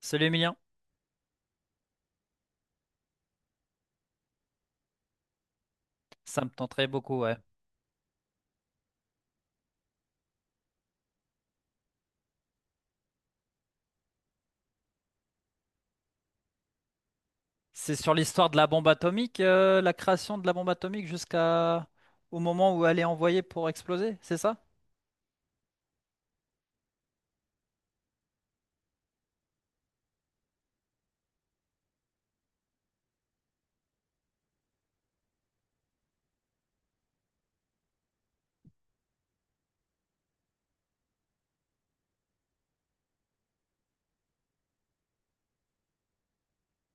Celui mien, ça me tenterait beaucoup, ouais. C'est sur l'histoire de la bombe atomique, la création de la bombe atomique jusqu'à au moment où elle est envoyée pour exploser, c'est ça?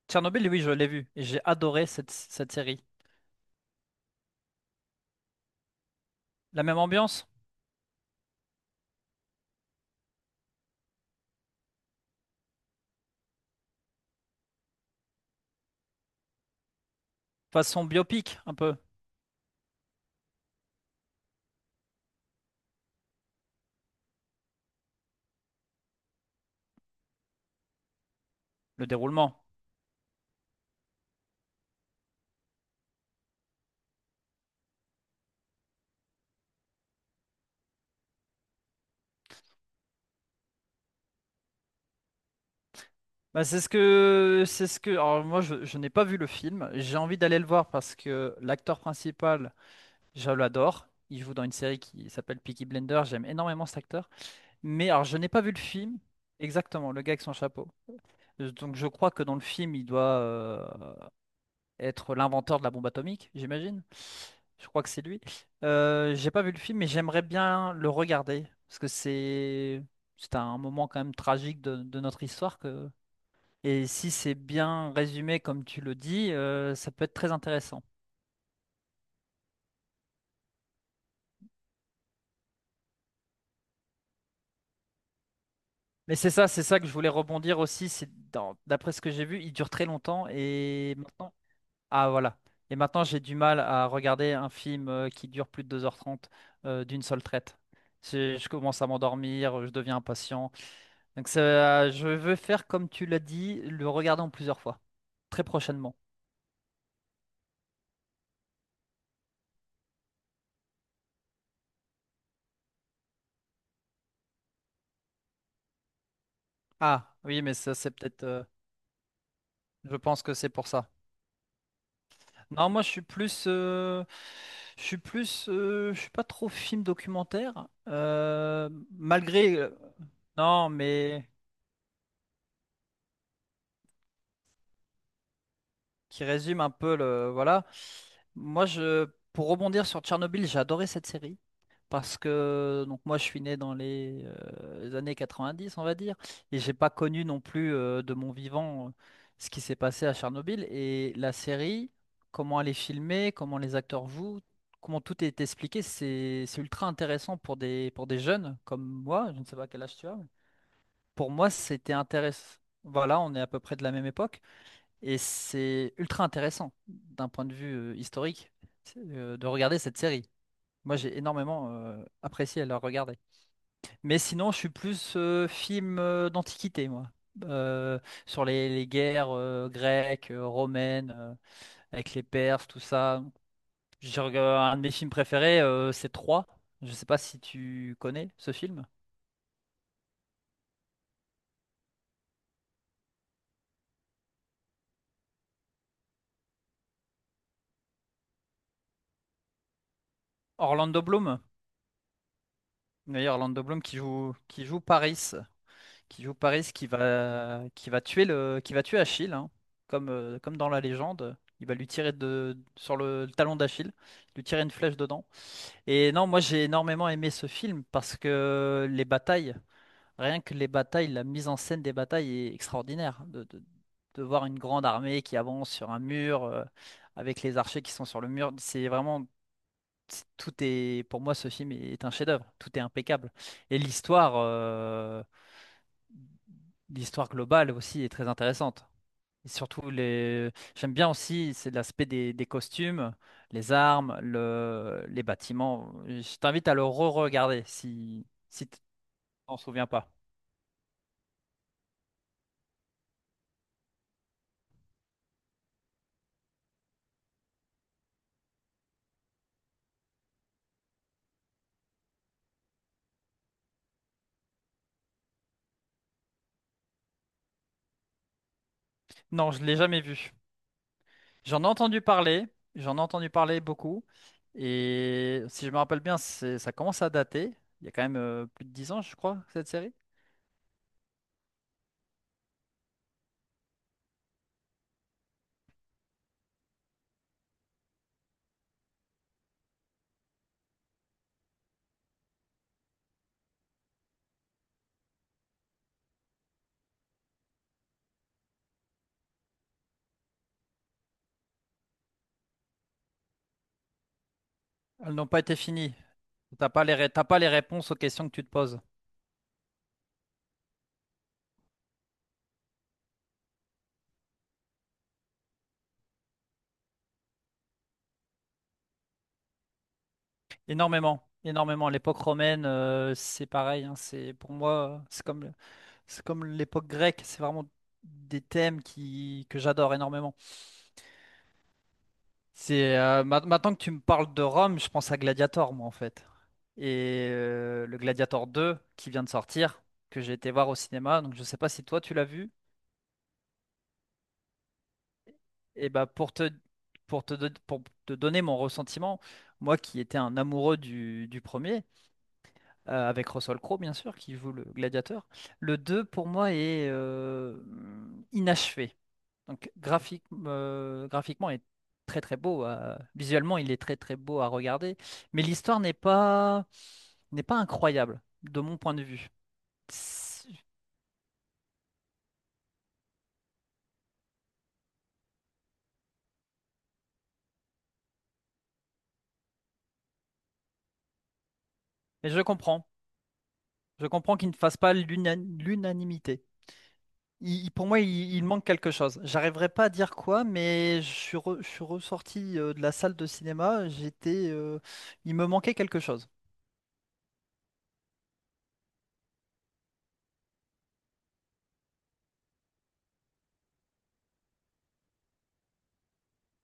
Tchernobyl, oui, je l'ai vu et j'ai adoré cette série. La même ambiance, façon biopic un peu, le déroulement. Bah, c'est ce que alors je n'ai pas vu le film, j'ai envie d'aller le voir parce que l'acteur principal, je l'adore, il joue dans une série qui s'appelle Peaky Blender, j'aime énormément cet acteur. Mais alors, je n'ai pas vu le film exactement, le gars avec son chapeau. Donc, je crois que dans le film, il doit être l'inventeur de la bombe atomique, j'imagine. Je crois que c'est lui. J'ai pas vu le film, mais j'aimerais bien le regarder parce que c'est un moment quand même tragique de notre histoire que et si c'est bien résumé comme tu le dis, ça peut être très intéressant. Mais c'est ça que je voulais rebondir aussi. D'après ce que j'ai vu, il dure très longtemps et maintenant. Ah voilà. Et maintenant, j'ai du mal à regarder un film qui dure plus de 2h30 d'une seule traite. Je commence à m'endormir, je deviens impatient. Donc je veux faire comme tu l'as dit, le regarder en plusieurs fois, très prochainement. Ah oui, mais ça c'est peut-être je pense que c'est pour ça. Non, moi je suis plus... je suis plus... je suis pas trop film documentaire non, mais qui résume un peu le voilà. Moi, je Pour rebondir sur Tchernobyl, j'ai adoré cette série parce que donc moi je suis né dans les années 90, on va dire, et j'ai pas connu non plus de mon vivant ce qui s'est passé à Tchernobyl et la série, comment elle est filmée, comment les acteurs jouent, comment tout est expliqué, c'est ultra intéressant pour des jeunes comme moi, je ne sais pas quel âge tu as, mais pour moi, c'était intéressant. Voilà, on est à peu près de la même époque. Et c'est ultra intéressant d'un point de vue historique de regarder cette série. Moi, j'ai énormément apprécié à la regarder. Mais sinon, je suis plus film d'antiquité, moi. Euh, Sur les guerres grecques, romaines, avec les Perses, tout ça. Un de mes films préférés, c'est Troie. Je sais pas si tu connais ce film. Orlando Bloom. D'ailleurs, Orlando Bloom qui joue Paris, qui joue Paris, qui va tuer le, qui va tuer Achille, hein, comme dans la légende. Il va lui tirer sur le talon d'Achille, lui tirer une flèche dedans. Et non, moi j'ai énormément aimé ce film parce que les batailles, rien que les batailles, la mise en scène des batailles est extraordinaire. De voir une grande armée qui avance sur un mur, avec les archers qui sont sur le mur, c'est vraiment, tout est, pour moi ce film est un chef-d'œuvre, tout est impeccable. Et l'histoire. euh, L'histoire globale aussi est très intéressante. Et surtout, les... J'aime bien aussi, c'est l'aspect des costumes, les armes, les bâtiments. Je t'invite à le re-regarder si tu t'en souviens pas. Non, je l'ai jamais vu. J'en ai entendu parler, j'en ai entendu parler beaucoup. Et si je me rappelle bien, ça commence à dater. Il y a quand même plus de 10 ans, je crois, cette série. Elles n'ont pas été finies. T'as pas les réponses aux questions que tu te poses. Énormément, énormément. L'époque romaine, c'est pareil. Hein. C'est pour moi, euh, c'est comme, c'est comme l'époque grecque. C'est vraiment des thèmes qui que j'adore énormément. C'est maintenant que tu me parles de Rome, je pense à Gladiator, moi en fait. Et le Gladiator 2 qui vient de sortir, que j'ai été voir au cinéma. Donc je sais pas si toi tu l'as vu. Et bah pour te donner mon ressentiment, moi qui étais un amoureux du premier avec Russell Crowe, bien sûr, qui joue le gladiateur. Le 2 pour moi, est inachevé. Donc, graphiquement, il est très très beau visuellement, il est très très beau à regarder. Mais l'histoire n'est pas, n'est pas incroyable, de mon point de vue. C'est- Mais je comprends. Je comprends qu'il ne fasse pas l'unanimité. Pour moi, il manque quelque chose. J'arriverai pas à dire quoi, mais je suis ressorti de la salle de cinéma. J'étais il me manquait quelque chose.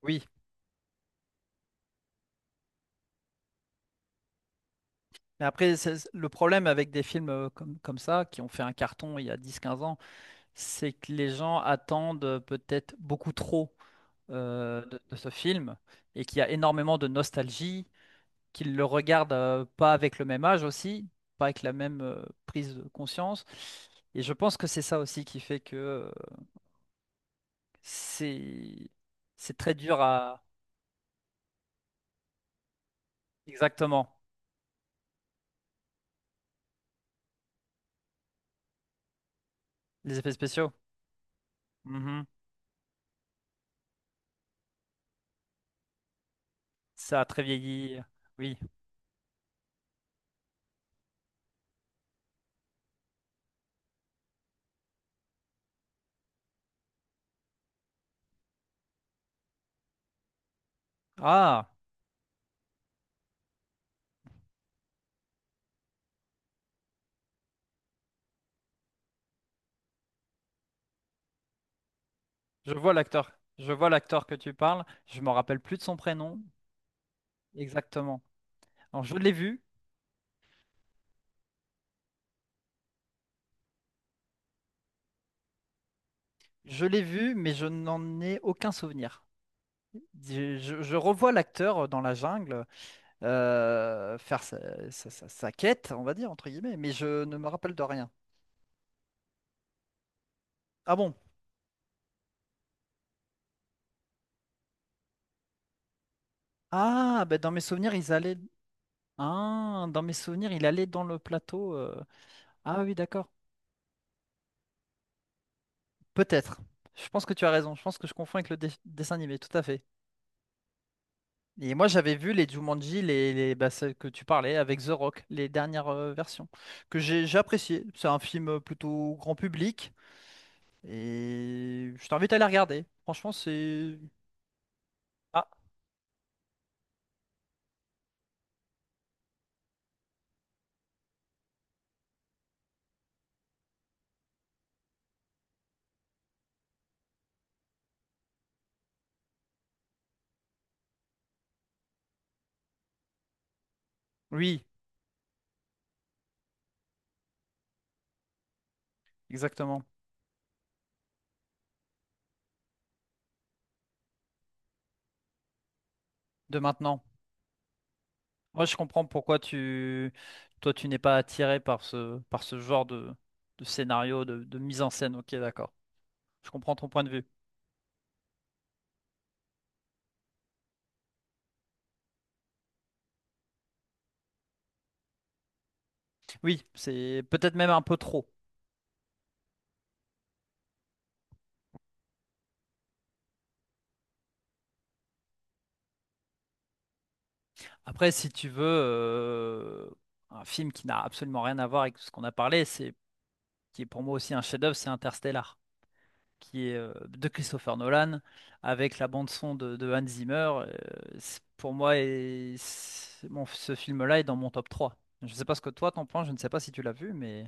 Oui, mais après, le problème avec des films comme ça, qui ont fait un carton il y a 10 15 ans, c'est que les gens attendent peut-être beaucoup trop de ce film et qu'il y a énormément de nostalgie, qu'ils le regardent pas avec le même âge aussi, pas avec la même prise de conscience. Et je pense que c'est ça aussi qui fait que c'est c'est très dur à... Exactement, les effets spéciaux. Mhm. Ça a très vieilli, oui. Ah! Je vois l'acteur. Je vois l'acteur que tu parles. Je me rappelle plus de son prénom. Exactement. Alors, je l'ai vu. Je l'ai vu, mais je n'en ai aucun souvenir. Je revois l'acteur dans la jungle faire sa quête, on va dire, entre guillemets, mais je ne me rappelle de rien. Ah bon? Ah, ben dans mes souvenirs, ils allaient. Ah, dans mes souvenirs, il allait dans le plateau. Ah oui, d'accord. Peut-être. Je pense que tu as raison. Je pense que je confonds avec le dessin animé, tout à fait. Et moi, j'avais vu les Jumanji, bah, celles que tu parlais avec The Rock, les dernières versions, que j'ai apprécié. C'est un film plutôt grand public et je t'invite à les regarder. Franchement, c'est... Ah, oui, exactement. De maintenant. Moi, je comprends pourquoi tu... Toi, tu n'es pas attiré par ce genre de scénario, de mise en scène. Ok, d'accord. Je comprends ton point de vue. Oui, c'est peut-être même un peu trop. Après, si tu veux, un film qui n'a absolument rien à voir avec ce qu'on a parlé, c'est qui est pour moi aussi un chef-d'œuvre, c'est Interstellar, qui est de Christopher Nolan avec la bande son de Hans Zimmer. euh, pour moi, bon, ce film-là est dans mon top 3. Je ne sais pas ce que toi t'en penses, je ne sais pas si tu l'as vu, mais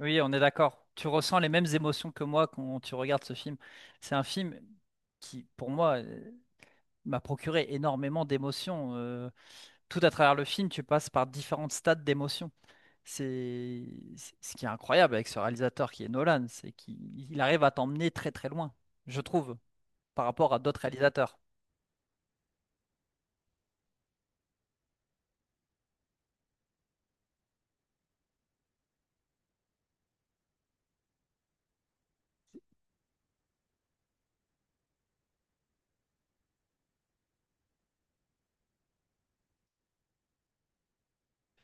oui, on est d'accord. Tu ressens les mêmes émotions que moi quand tu regardes ce film. C'est un film qui, pour moi, m'a procuré énormément d'émotions tout à travers le film, tu passes par différentes stades d'émotion. C'est Ce qui est incroyable avec ce réalisateur qui est Nolan, c'est qu'il il arrive à t'emmener très très loin, je trouve, par rapport à d'autres réalisateurs.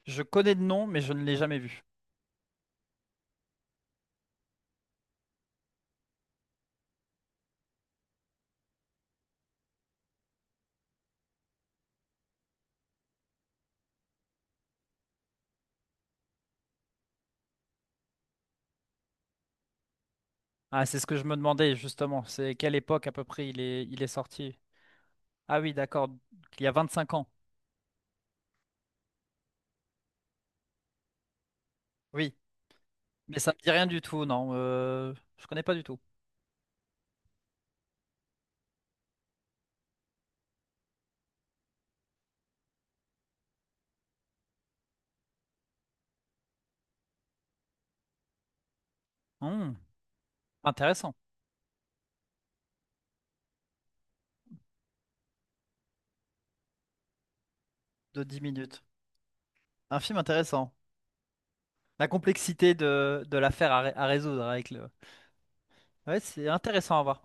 Je connais le nom, mais je ne l'ai jamais vu. Ah, c'est ce que je me demandais justement, c'est quelle époque à peu près il est sorti. Ah oui, d'accord, il y a 25 ans. Oui, mais ça me dit rien du tout, non, je connais pas du tout. Hmm, intéressant, de 10 minutes. Un film intéressant. La complexité de l'affaire à résoudre avec le, ouais, c'est intéressant à voir.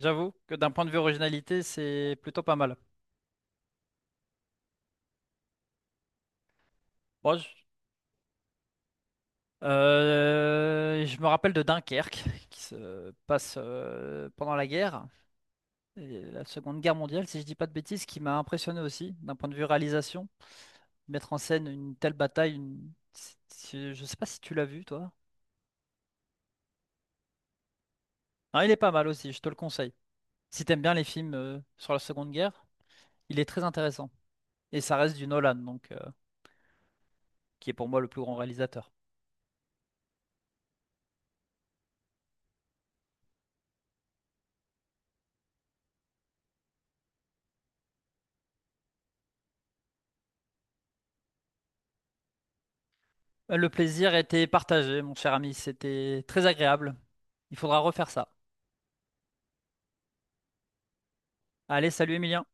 J'avoue que d'un point de vue originalité, c'est plutôt pas mal. Bon, je, je me rappelle de Dunkerque, qui se passe pendant la guerre, et la Seconde Guerre mondiale, si je dis pas de bêtises, qui m'a impressionné aussi, d'un point de vue réalisation. Mettre en scène une telle bataille, une... je sais pas si tu l'as vu, toi. Non, il est pas mal aussi, je te le conseille. Si t'aimes bien les films sur la Seconde Guerre, il est très intéressant. Et ça reste du Nolan, donc, qui est pour moi le plus grand réalisateur. Le plaisir était partagé, mon cher ami. C'était très agréable. Il faudra refaire ça. Allez, salut Emilien.